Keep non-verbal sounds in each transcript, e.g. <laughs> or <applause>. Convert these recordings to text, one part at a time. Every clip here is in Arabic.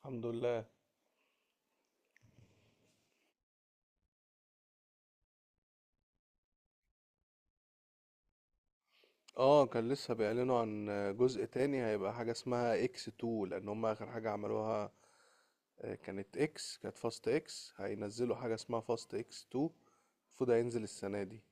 الحمد لله. اه، كان لسه بيعلنوا عن جزء تاني هيبقى حاجة اسمها اكس 2 لان هم اخر حاجة عملوها. كانت فاست اكس هينزلوا حاجة اسمها فاست اكس 2. المفروض هينزل السنة دي.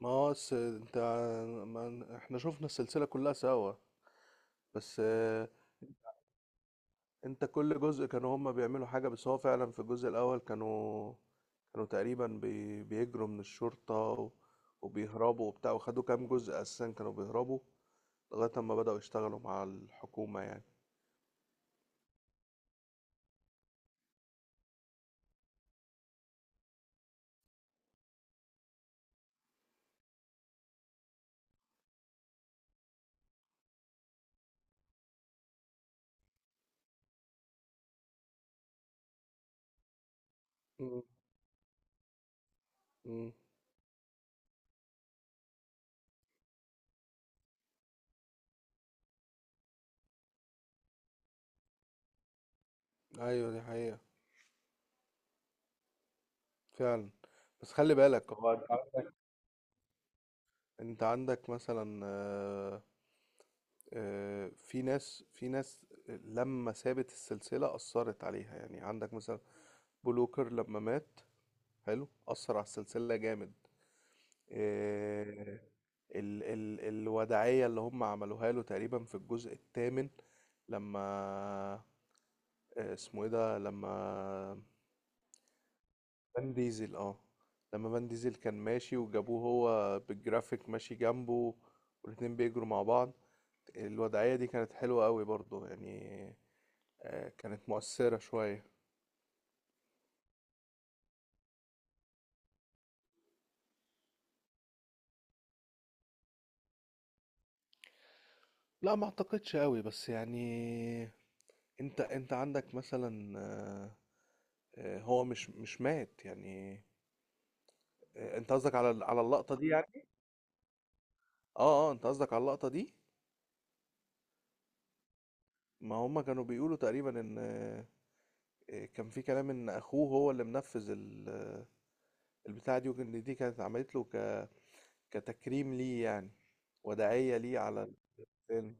ما هو س- انت، ما احنا شفنا السلسلة كلها سوا. بس انت، كل جزء كانوا هم بيعملوا حاجة، بس هو فعلا في الجزء الاول كانوا تقريبا بيجروا من الشرطة وبيهربوا وبتاع، وخدوا كام جزء اساسا كانوا بيهربوا لغاية أما بدأوا يشتغلوا مع الحكومة يعني. مم. مم. ايوه، دي حقيقة فعلا. بس خلي بالك هو، انت عندك مثلا، في ناس، لما سابت السلسلة أثرت عليها، يعني عندك مثلا بلوكر لما مات، حلو أثر على السلسلة جامد. آه، ال ال الوداعية اللي هم عملوها له تقريبا في الجزء الثامن، لما، اسمه ايه ده، لما فان ديزل، اه، لما فان ديزل كان ماشي وجابوه هو بالجرافيك ماشي جنبه، والاتنين بيجروا مع بعض. الوضعية دي كانت حلوة قوي برضو يعني، كانت مؤثرة شوية. لا، ما اعتقدش قوي، بس يعني انت عندك مثلا، هو مش مات يعني. انت قصدك على على اللقطة دي يعني. اه اه، انت قصدك على اللقطة دي. ما هما كانوا بيقولوا تقريبا ان، كان في كلام ان اخوه هو اللي منفذ البتاعة دي، وكان دي كانت عملت له كتكريم ليه يعني، وداعية ليه على الفيلم.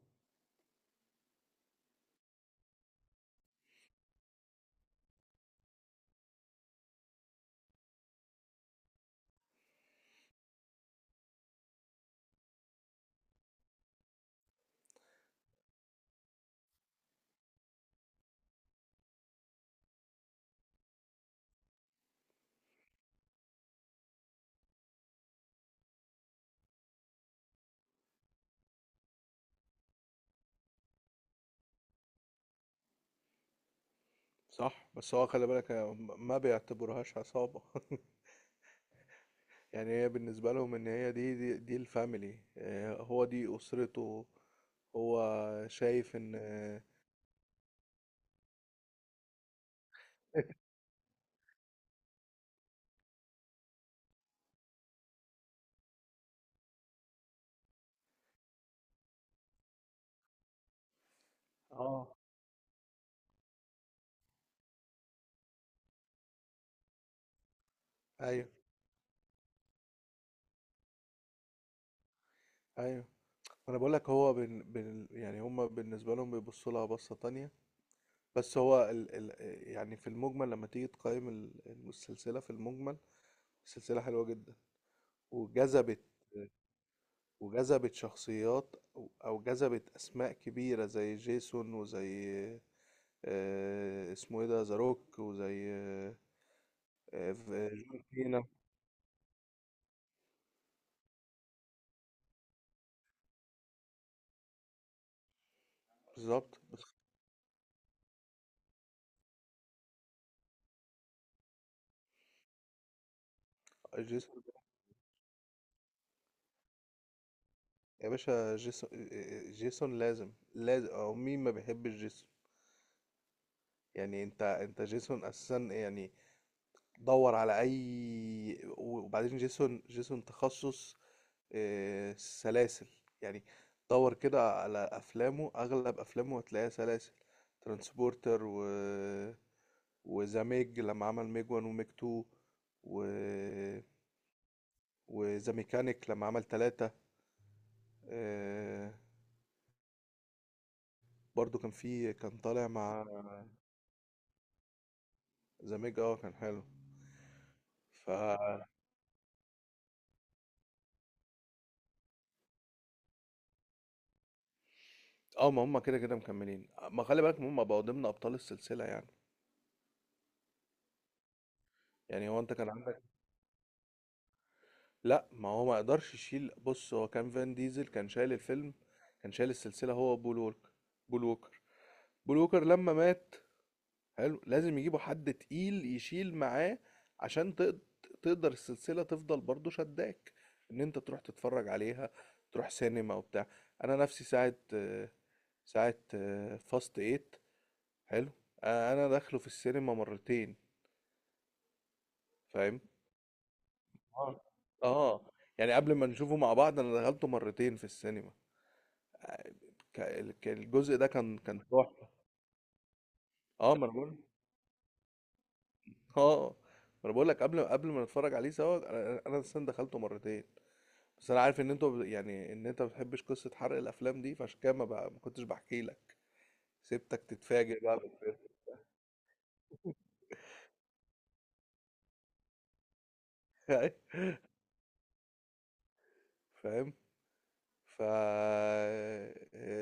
صح، بس هو خلي بالك ما بيعتبرهاش عصابة <laughs> يعني هي بالنسبة لهم ان هي، دي الفاميلي، هو دي اسرته، هو شايف ان <laughs> آه، اه، ايوه ايوه. انا بقول لك هو يعني هما بالنسبة لهم بيبصوا لها بصة تانية. بس هو يعني في المجمل، لما تيجي تقيم السلسلة، في المجمل السلسلة حلوة جدا، وجذبت وجذبت شخصيات، أو جذبت أسماء كبيرة زي جيسون، وزي، اسمه إيه ده، ذا روك، وزي، جون سينا. بالظبط، بس جيسون، يا باشا، جيسون، جيسون لازم، أو مين ما بيحبش جيسون؟ يعني أنت جيسون أساسا يعني. دور على أي. وبعدين جيسون، تخصص سلاسل يعني. دور كده على افلامه، اغلب افلامه هتلاقيها سلاسل، ترانسبورتر، وذا ميج لما عمل ميج 1 وميج 2، و وذا ميكانيك لما عمل تلاتة، آه، برضو كان طالع مع ذا ميج، اه كان حلو. ف اه، ما هم كده كده مكملين، ما خلي بالك هم بقوا ضمن ابطال السلسلة يعني. يعني هو انت كان عندك، لا، ما هو ما قدرش يشيل. بص، هو كان، فان ديزل كان شايل الفيلم، كان شايل السلسلة هو بول ووكر. بول ووكر بول ووكر لما مات، حلو لازم يجيبوا حد تقيل يشيل معاه، عشان تقدر السلسلة تفضل برضو شداك ان انت تروح تتفرج عليها، تروح سينما وبتاع. انا نفسي ساعة، ساعة فاست ايت، حلو. انا داخله في السينما مرتين، فاهم. اه اه، يعني قبل ما نشوفه مع بعض انا دخلته مرتين في السينما. الجزء ده كان تحفه. اه ما انا بقول اه، ما انا بقول لك، قبل ما نتفرج عليه سوا، انا السن دخلته مرتين. بس انا عارف ان انت، يعني ان انت ما بتحبش قصه حرق الافلام دي، فعشان كده ما, بقى ما كنتش بحكي لك، سبتك تتفاجئ بقى بالفيلم. <laughs> فاهم. ف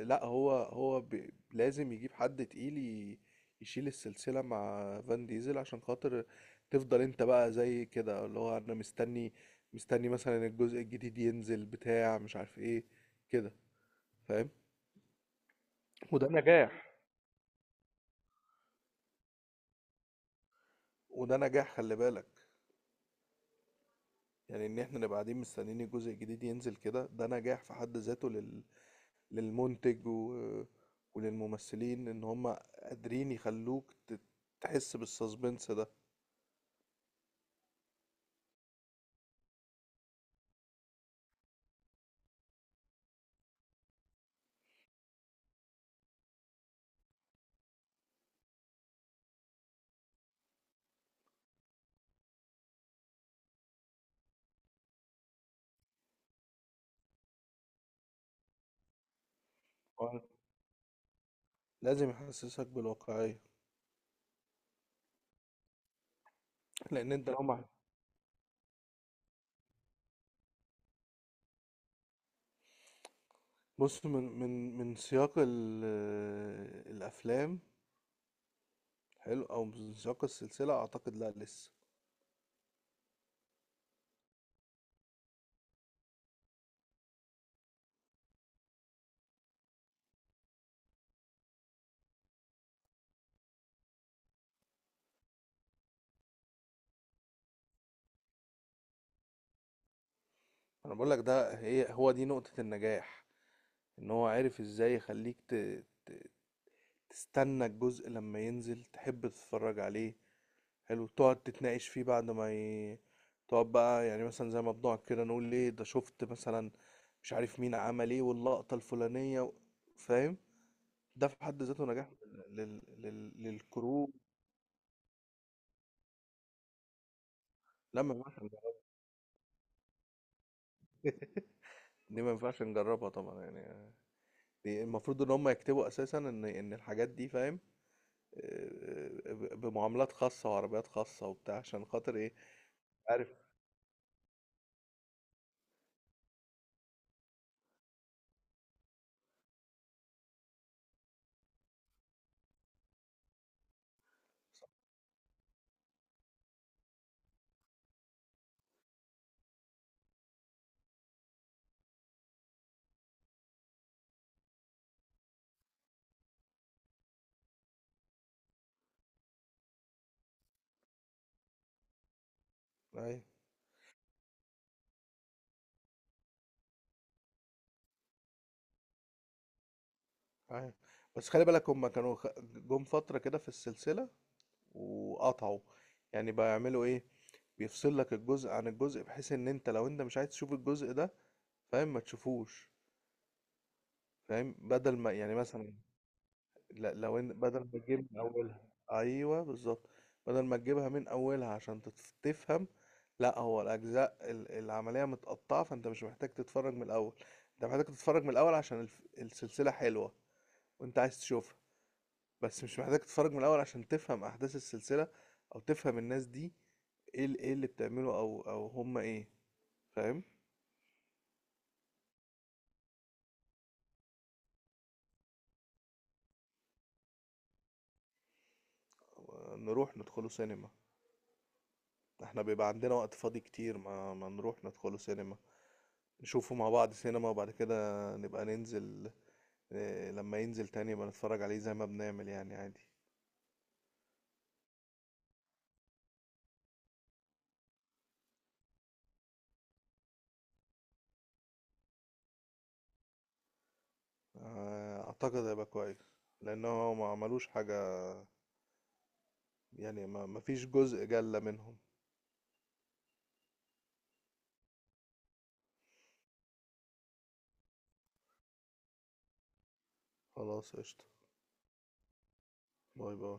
لا، هو هو لازم يجيب حد تقيل يشيل السلسلة مع فان ديزل، عشان خاطر تفضل انت بقى زي كده، اللي هو انا مستني، مثلا الجزء الجديد ينزل بتاع، مش عارف ايه، كده، فاهم. وده نجاح وده نجاح، خلي بالك. يعني ان احنا نبقى قاعدين مستنيين الجزء الجديد ينزل كده، ده نجاح في حد ذاته للمنتج، وللممثلين، ان هم قادرين يخلوك تحس بالسسبنس ده. آه، لازم يحسسك بالواقعية. لأن أنت لو ما. بص، من سياق الأفلام، حلو، أو من سياق السلسلة، أعتقد لا، لسه. أنا بقول لك، ده، هي، هو دي نقطة النجاح، إن هو عارف إزاي يخليك ت... تستنى الجزء لما ينزل، تحب تتفرج عليه، حلو تقعد تتناقش فيه بعد ما تقعد بقى يعني، مثلا زي ما بنقعد كده نقول ليه، ده شفت مثلا مش عارف مين عمل ايه واللقطة الفلانية فاهم، ده في حد ذاته نجاح للكرو. لا، ما ينفعش نجربها <laughs> دي ما ينفعش نجربها طبعا يعني، دي المفروض ان هم يكتبوا اساسا ان الحاجات دي، فاهم، بمعاملات خاصة وعربيات خاصة وبتاع، عشان خاطر ايه؟ عارف. ايوه ايوه، بس خلي بالك هم كانوا جم فترة كده في السلسلة، وقطعوا يعني، بقى يعملوا ايه، بيفصل لك الجزء عن الجزء، بحيث ان انت لو انت مش عايز تشوف الجزء ده، فاهم، ما تشوفوش. فاهم، بدل ما يعني مثلا، لا لو ان بدل ما تجيب من اولها، ايوه بالظبط. بدل ما تجيبها من اولها عشان تفهم، لا هو الاجزاء العمليه متقطعه، فانت مش محتاج تتفرج من الاول. انت محتاج تتفرج من الاول عشان السلسله حلوه وانت عايز تشوفها، بس مش محتاج تتفرج من الاول عشان تفهم احداث السلسله او تفهم الناس دي، ايه ايه اللي بتعمله، او هم ايه، فاهم. نروح ندخلوا سينما، احنا بيبقى عندنا وقت فاضي كتير، ما نروح ندخلوا سينما، نشوفه مع بعض سينما، وبعد كده نبقى ننزل، لما ينزل تاني يبقى نتفرج عليه زي ما بنعمل يعني عادي. اعتقد هيبقى كويس، لان هو ما عملوش حاجة يعني، ما فيش جزء جلة منهم. خلاص قشطة، باي باي.